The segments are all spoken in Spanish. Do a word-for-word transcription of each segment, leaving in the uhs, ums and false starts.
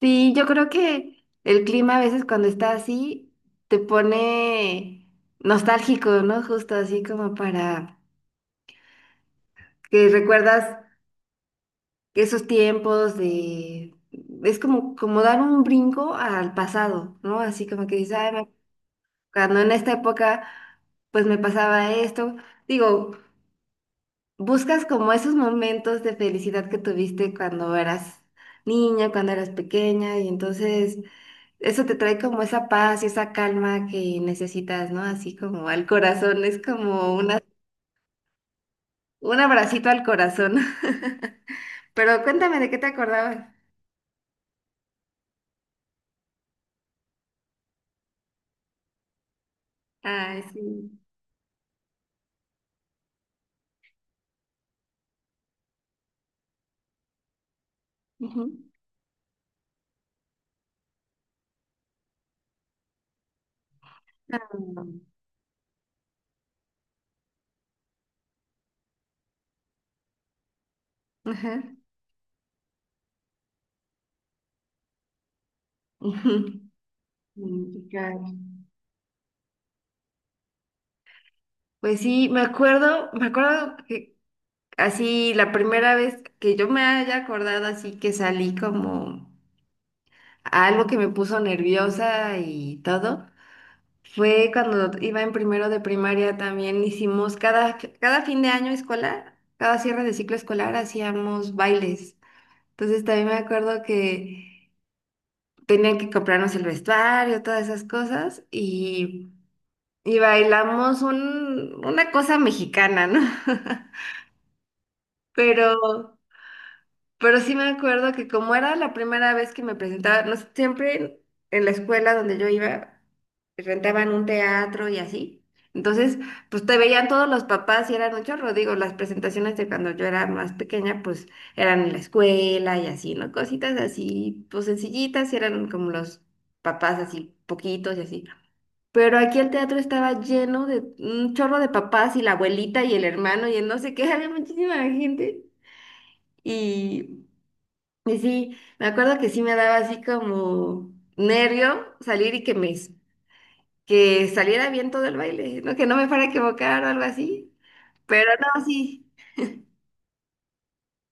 Sí, yo creo que el clima a veces cuando está así te pone nostálgico, ¿no? Justo así como para que recuerdas que esos tiempos de... Es como, como dar un brinco al pasado, ¿no? Así como que dices, "Ay, me- cuando en esta época pues me pasaba esto." Digo, buscas como esos momentos de felicidad que tuviste cuando eras niña, cuando eras pequeña y entonces... Eso te trae como esa paz y esa calma que necesitas, ¿no? Así como al corazón, es como una, un abracito al corazón. Pero cuéntame de qué te acordabas. Ah, sí. Ujú. Ajá. Ujú. Mm, claro. Pues sí, me acuerdo, me acuerdo que así la primera vez que yo me haya acordado así que salí como a algo que me puso nerviosa y todo. Fue cuando iba en primero de primaria, también hicimos cada, cada fin de año escolar, cada cierre de ciclo escolar hacíamos bailes. Entonces también me acuerdo que tenían que comprarnos el vestuario, todas esas cosas, y, y bailamos un- una cosa mexicana, ¿no? Pero Pero sí me acuerdo que como era la primera vez que me presentaba, no sé, siempre en la escuela donde yo iba, rentaban un teatro y así. Entonces, pues te veían todos los papás y eran un chorro. Digo, las presentaciones de cuando yo era más pequeña, pues eran en la escuela y así, ¿no? Cositas así, pues sencillitas, y eran como los papás así, poquitos y así. Pero aquí el teatro estaba lleno de un chorro de papás y la abuelita y el hermano y el no sé qué, había muchísima gente. Y y sí, me acuerdo que sí me daba así como nervio salir y que me que saliera bien todo el baile, ¿no? Que no me fuera a equivocar o algo así. Pero no, sí,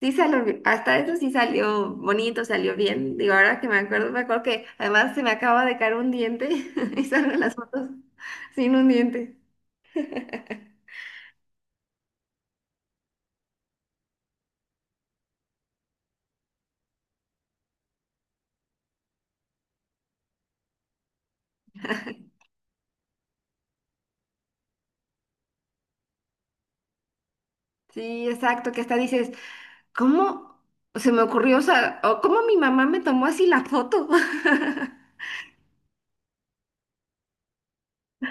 sí salió, bi- hasta eso sí salió bonito, salió bien. Digo, ahora que me acuerdo, me acuerdo que además se me acaba de caer un diente y salgo en las fotos sin un diente. Sí, exacto, que hasta dices, ¿cómo se me ocurrió? O sea, o ¿cómo mi mamá me tomó así la foto?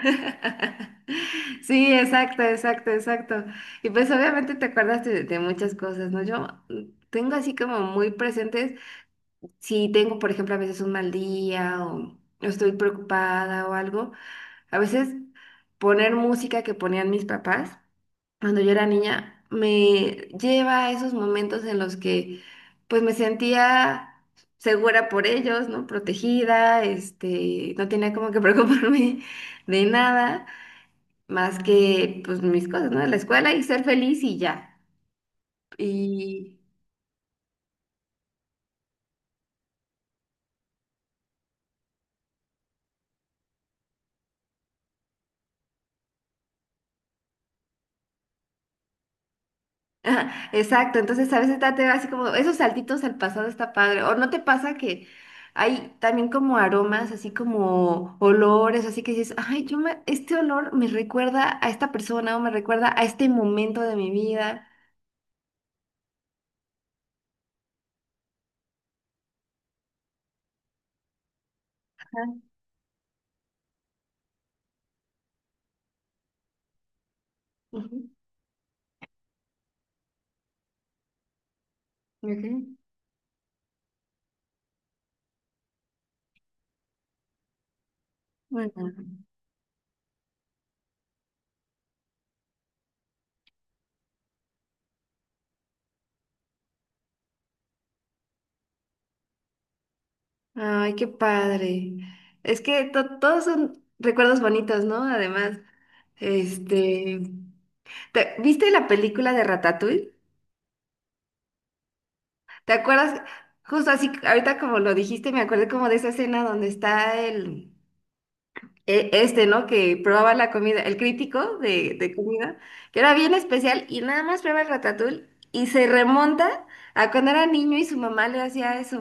Sí, exacto, exacto, exacto. Y pues obviamente te acuerdas de, de muchas cosas, ¿no? Yo mm, tengo así como muy presentes, si tengo, por ejemplo, a veces un mal día o estoy preocupada o algo, a veces poner música que ponían mis papás cuando yo era niña me lleva a esos momentos en los que pues me sentía segura por ellos, ¿no? Protegida, este, no tenía como que preocuparme de nada más que pues mis cosas, ¿no? La escuela y ser feliz y ya. Y ajá, exacto, entonces a veces date así como esos saltitos al pasado está padre. O no te pasa que hay también como aromas, así como olores, así que dices, ay, yo me, este olor me recuerda a esta persona o me recuerda a este momento de mi vida. Ajá, ujú, ujú. Ujú. Ay, qué padre. Es que to- todos son recuerdos bonitos, ¿no? Además, este. ¿Te- ¿Viste la película de Ratatouille? ¿Te acuerdas? Justo así, ahorita como lo dijiste, me acordé como de esa escena donde está el, e- este, ¿no? Que probaba la comida, el crítico de, de comida, que era bien especial y nada más prueba el Ratatouille y se remonta a cuando era niño y su mamá le hacía eso.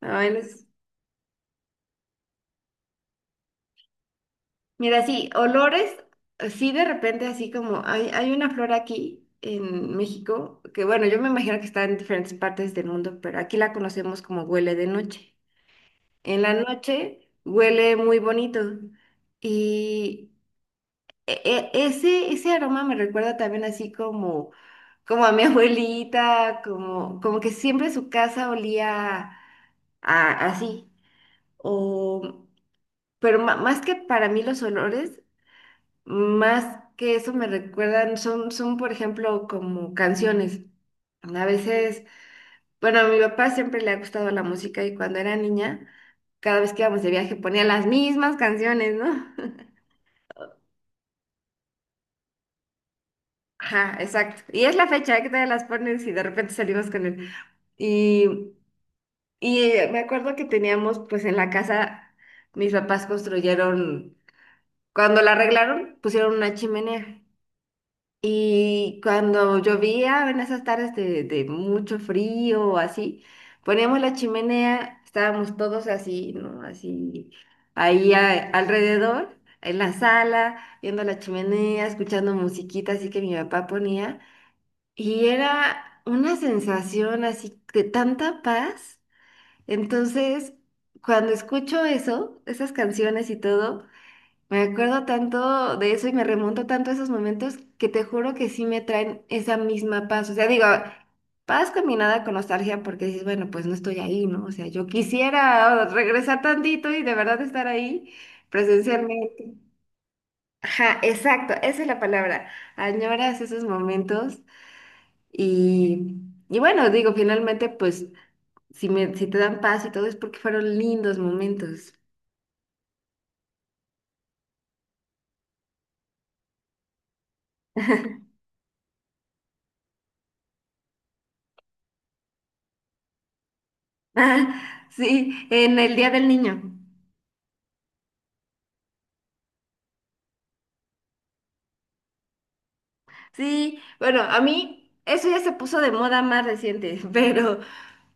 Ay, los- Mira, sí, olores, sí, de repente así como hay, hay una flor aquí en México, que bueno, yo me imagino que está en diferentes partes del mundo, pero aquí la conocemos como huele de noche. En la noche huele muy bonito. Y e- e- ese, ese aroma me recuerda también así como, como a mi abuelita, como, como que siempre su casa olía a- así. O, pero ma- más que para mí los olores, más que eso me recuerdan, son, son por ejemplo como canciones. A veces bueno, a mi papá siempre le ha gustado la música y cuando era niña, cada vez que íbamos de viaje ponía las mismas canciones, ¿no? Ajá, exacto. Y es la fecha ¿eh? Que todavía las pones y de repente salimos con él. Y, y eh, me acuerdo que teníamos, pues en la casa, mis papás construyeron, cuando la arreglaron, pusieron una chimenea. Y cuando llovía, en esas tardes de, de mucho frío o así, poníamos la chimenea, estábamos todos así, ¿no? Así, ahí a- alrededor, en la sala, viendo la chimenea, escuchando musiquita así que mi papá ponía. Y era una sensación así de tanta paz. Entonces, cuando escucho eso, esas canciones y todo, me acuerdo tanto de eso y me remonto tanto a esos momentos que te juro que sí me traen esa misma paz. O sea, digo, paz combinada con nostalgia porque dices, bueno, pues no estoy ahí, ¿no? O sea, yo quisiera oh, regresar tantito y de verdad estar ahí presencialmente. Ajá, exacto, esa es la palabra. Añoras esos momentos y, y bueno, digo, finalmente, pues si me, si te dan paz y todo es porque fueron lindos momentos. Ah, sí, en el Día del Niño. Sí, bueno, a mí eso ya se puso de moda más reciente, pero,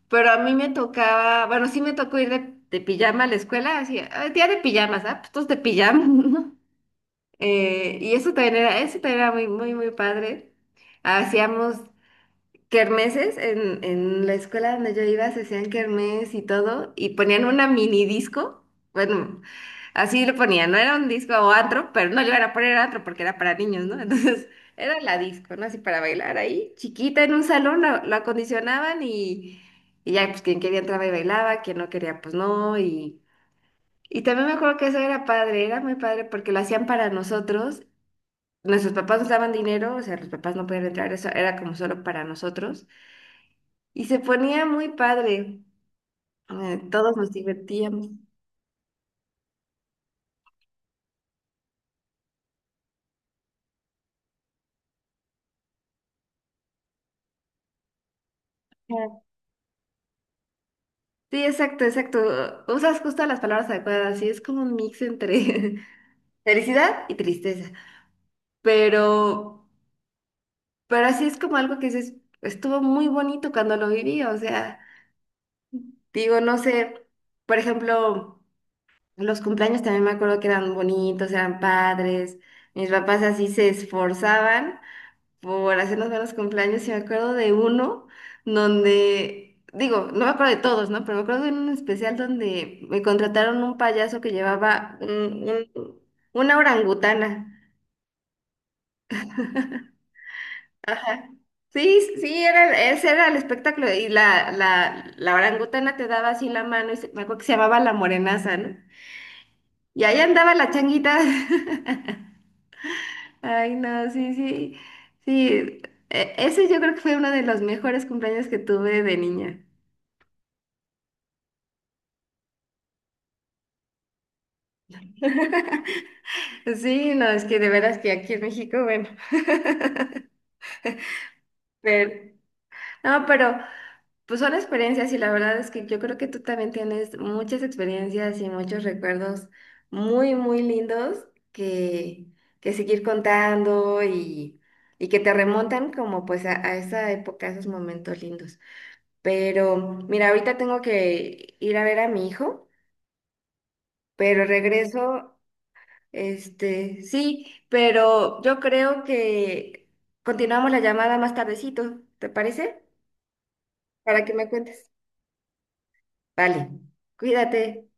pero a mí me tocaba, bueno, sí me tocó ir de, de pijama a la escuela, así, "Ah, día de pijamas, ¿ah? Pues todos de pijama," ¿no? Eh, y eso también era, eso también era muy, muy, muy padre. Hacíamos kermeses en, en la escuela donde yo iba se hacían kermes y todo y ponían una mini disco, bueno, así lo ponían, no era un disco o antro, pero no llegaron a poner antro porque era para niños, ¿no? Entonces era la disco, ¿no? Así para bailar ahí, chiquita en un salón, la, la acondicionaban, y, y ya pues quien quería entraba y bailaba, quien no quería pues no y... Y también me acuerdo que eso era padre, era muy padre porque lo hacían para nosotros. Nuestros papás nos daban dinero, o sea, los papás no podían entrar, eso era como solo para nosotros. Y se ponía muy padre. Eh, todos nos divertíamos. Ah. Sí, exacto, exacto. Usas justo las palabras adecuadas y es como un mix entre felicidad y tristeza. Pero, pero así es como algo que dices, estuvo muy bonito cuando lo viví. O sea, digo, no sé, por ejemplo, los cumpleaños también me acuerdo que eran bonitos, eran padres. Mis papás así se esforzaban por hacernos ver los cumpleaños y me acuerdo de uno donde, digo, no me acuerdo de todos, ¿no? Pero me acuerdo de uno en especial donde me contrataron un payaso que llevaba un- un- una orangutana. Ajá. Sí, sí, sí, era, ese era el espectáculo y la, la, la orangutana te daba así la mano y se- me acuerdo que se llamaba la morenaza, ¿no? Y ahí andaba la changuita. Ay, no, sí, sí, sí. E- Ese yo creo que fue uno de los mejores cumpleaños que tuve de niña. Sí, no, es que de veras que aquí en México, bueno. Pero, no, pero pues son experiencias y la verdad es que yo creo que tú también tienes muchas experiencias y muchos recuerdos muy, muy lindos que, que seguir contando y, y que te remontan como pues a, a esa época, a esos momentos lindos. Pero mira, ahorita tengo que ir a ver a mi hijo, pero regreso. Este, sí, pero yo creo que continuamos la llamada más tardecito, ¿te parece? Para que me cuentes. Vale, cuídate.